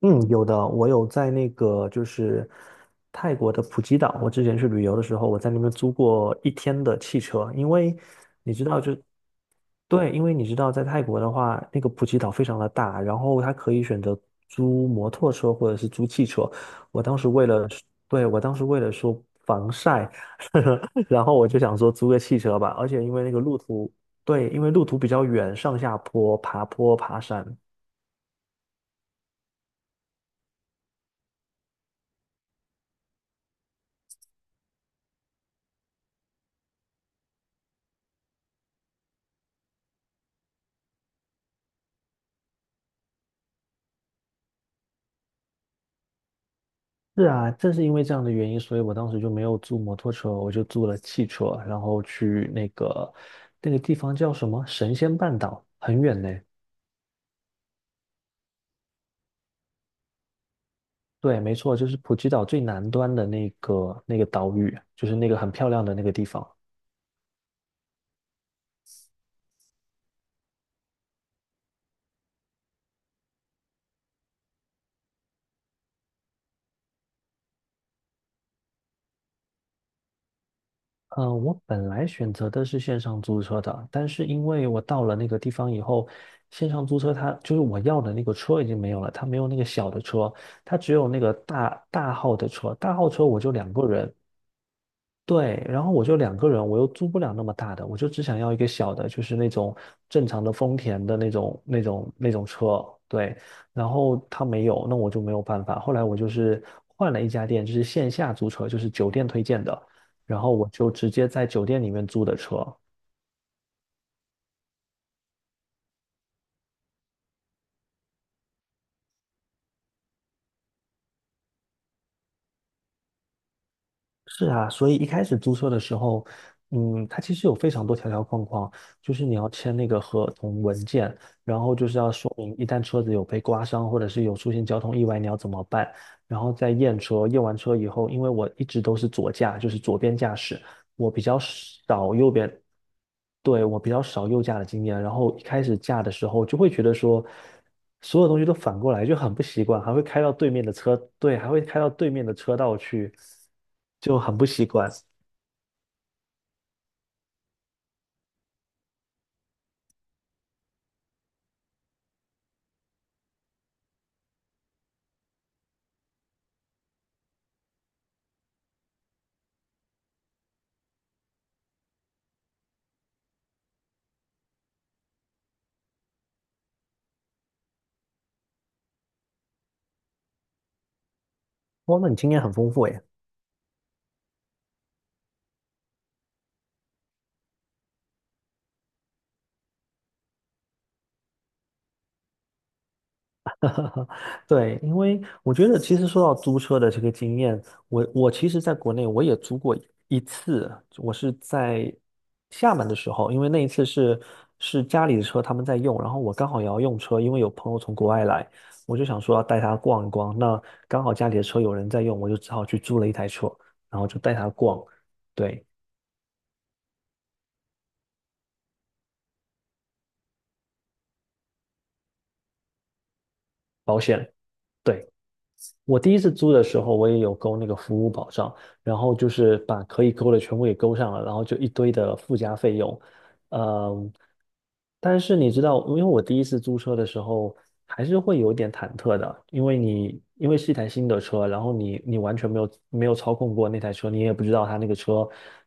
嗯，有的，我有在那个就是泰国的普吉岛，我之前去旅游的时候，我在那边租过一天的汽车，因为你知道就，对，因为你知道在泰国的话，那个普吉岛非常的大，然后它可以选择租摩托车或者是租汽车。我当时为了，对，我当时为了说防晒，然后我就想说租个汽车吧，而且因为那个路途，对，因为路途比较远，上下坡、爬坡、爬山。是啊，正是因为这样的原因，所以我当时就没有租摩托车，我就租了汽车，然后去那个地方叫什么神仙半岛，很远呢。对，没错，就是普吉岛最南端的那个岛屿，就是那个很漂亮的那个地方。嗯，我本来选择的是线上租车的，但是因为我到了那个地方以后，线上租车它就是我要的那个车已经没有了，它没有那个小的车，它只有那个大大号的车，大号车我就两个人。对，然后我就两个人，我又租不了那么大的，我就只想要一个小的，就是那种正常的丰田的那种车。对，然后他没有，那我就没有办法。后来我就是换了一家店，就是线下租车，就是酒店推荐的，然后我就直接在酒店里面租的车。是啊，所以一开始租车的时候，它其实有非常多条条框框，就是你要签那个合同文件，然后就是要说明一旦车子有被刮伤，或者是有出现交通意外，你要怎么办，然后再验车，验完车以后，因为我一直都是左驾，就是左边驾驶，我比较少右边，对，我比较少右驾的经验，然后一开始驾的时候就会觉得说，所有东西都反过来就很不习惯，还会开到对面的车，对，还会开到对面的车道去，就很不习惯。哇，那你经验很丰富诶。对，因为我觉得其实说到租车的这个经验，我其实在国内我也租过一次，我是在厦门的时候，因为那一次是家里的车他们在用，然后我刚好也要用车，因为有朋友从国外来，我就想说要带他逛一逛，那刚好家里的车有人在用，我就只好去租了一台车，然后就带他逛，对，保险。对。我第一次租的时候，我也有勾那个服务保障，然后就是把可以勾的全部给勾上了，然后就一堆的附加费用，呃，但是你知道，因为我第一次租车的时候，还是会有点忐忑的，因为你因为是一台新的车，然后你完全没有操控过那台车，你也不知道它那个车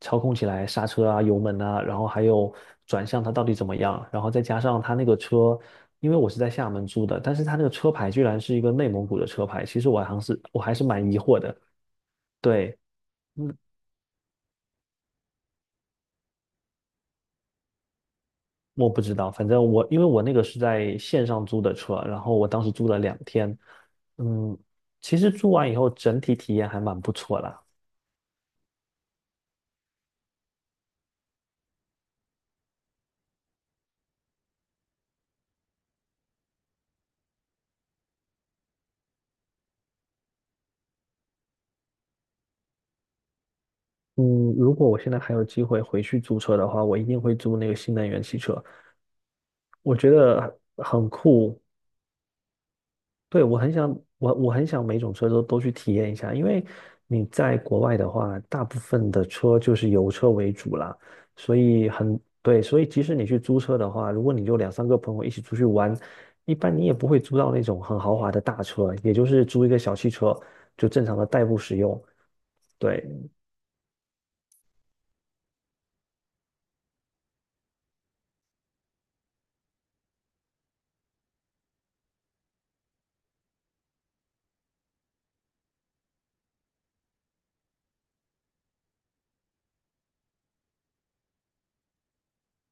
操控起来刹车啊、油门啊，然后还有转向它到底怎么样，然后再加上它那个车，因为我是在厦门租的，但是它那个车牌居然是一个内蒙古的车牌，其实我还是蛮疑惑的，对。嗯。我不知道，反正我因为我那个是在线上租的车，然后我当时租了2天，嗯，其实租完以后整体体验还蛮不错的，嗯，如果我现在还有机会回去租车的话，我一定会租那个新能源汽车，我觉得很酷，对，我很想，我很想每种车都去体验一下，因为你在国外的话，大部分的车就是油车为主啦，所以很，对，所以即使你去租车的话，如果你就两三个朋友一起出去玩，一般你也不会租到那种很豪华的大车，也就是租一个小汽车，就正常的代步使用。对，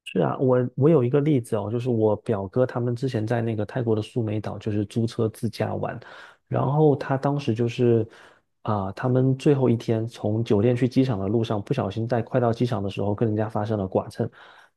是啊，我有一个例子哦，就是我表哥他们之前在那个泰国的苏梅岛，就是租车自驾玩，然后他当时就是他们最后一天从酒店去机场的路上，不小心在快到机场的时候跟人家发生了剐蹭，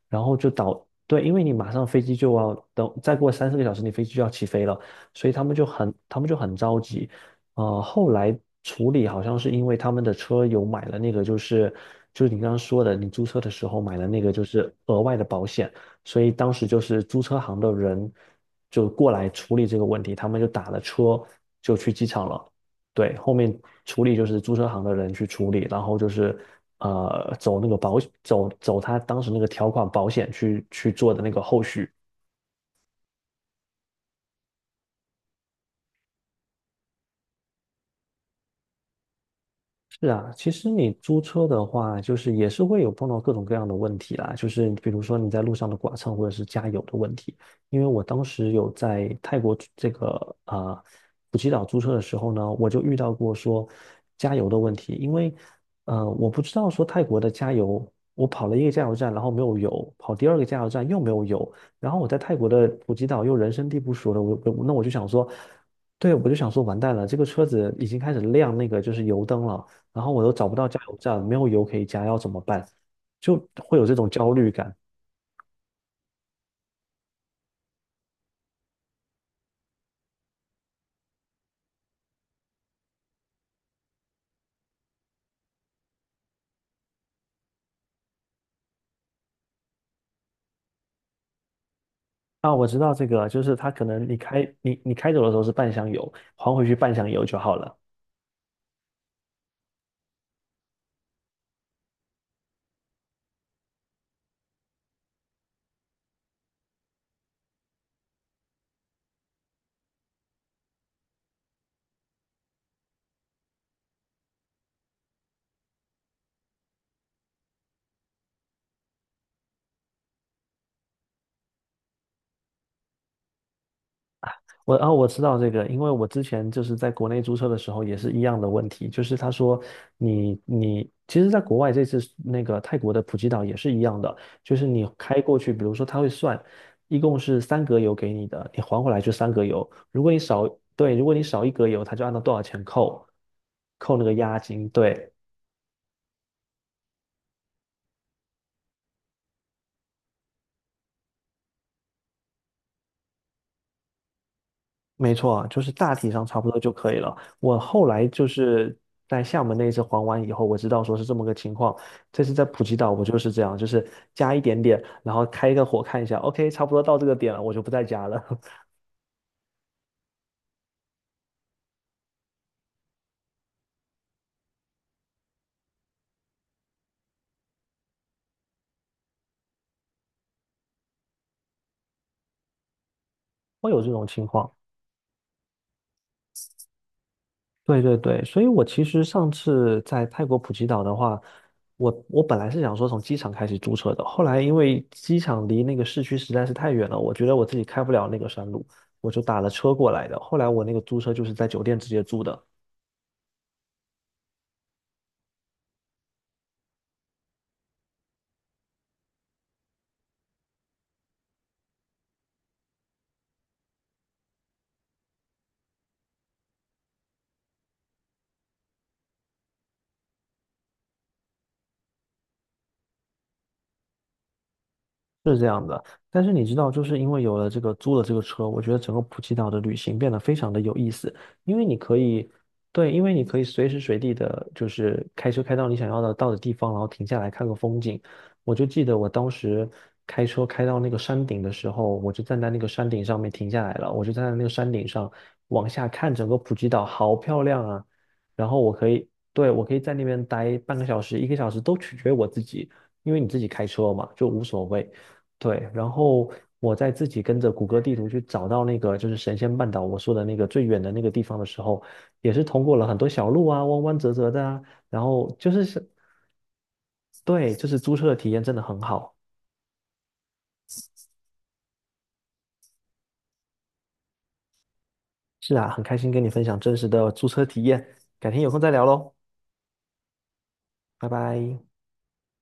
然后对，因为你马上飞机就要等，再过3、4个小时你飞机就要起飞了，所以他们就很着急，后来处理好像是因为他们的车有买了那个，就是你刚刚说的，你租车的时候买了那个，就是额外的保险，所以当时就是租车行的人就过来处理这个问题，他们就打了车就去机场了。对，后面处理就是租车行的人去处理，然后就是走他当时那个条款保险去做的那个后续。是啊，其实你租车的话，就是也是会有碰到各种各样的问题啦，就是比如说你在路上的剐蹭或者是加油的问题。因为我当时有在泰国租这个普吉岛租车的时候呢，我就遇到过说加油的问题，因为我不知道说泰国的加油，我跑了一个加油站，然后没有油，跑第二个加油站又没有油，然后我在泰国的普吉岛又人生地不熟的，我就想说，对，我就想说完蛋了，这个车子已经开始亮那个就是油灯了。然后我都找不到加油站，没有油可以加，要怎么办？就会有这种焦虑感。啊，我知道这个，就是它可能你开走的时候是半箱油，还回去半箱油就好了。我知道这个，因为我之前就是在国内租车的时候也是一样的问题，就是他说你其实，在国外这次那个泰国的普吉岛也是一样的，就是你开过去，比如说他会算，一共是三格油给你的，你还回来就三格油，如果你少，对，如果你少1格油，他就按照多少钱扣，扣那个押金，对。没错，就是大体上差不多就可以了。我后来就是在厦门那一次还完以后，我知道说是这么个情况。这次在普吉岛，我就是这样，就是加一点点，然后开一个火看一下，OK，差不多到这个点了，我就不再加了，会有这种情况。对对对，所以我其实上次在泰国普吉岛的话，我本来是想说从机场开始租车的，后来因为机场离那个市区实在是太远了，我觉得我自己开不了那个山路，我就打了车过来的。后来我那个租车就是在酒店直接租的。是这样的，但是你知道，就是因为有了这个租了这个车，我觉得整个普吉岛的旅行变得非常的有意思，因为你可以，对，因为你可以随时随地的，就是开车开到你想要的到的地方，然后停下来看个风景。我就记得我当时开车开到那个山顶的时候，我就站在那个山顶上面停下来了，我就站在那个山顶上往下看整个普吉岛，好漂亮啊！然后我可以，对，我可以在那边待半个小时、一个小时都取决于我自己，因为你自己开车嘛，就无所谓。对，然后我在自己跟着谷歌地图去找到那个就是神仙半岛我说的那个最远的那个地方的时候，也是通过了很多小路啊，弯弯折折的啊，然后就是，对，就是租车的体验真的很好。是啊，很开心跟你分享真实的租车体验，改天有空再聊喽，拜拜。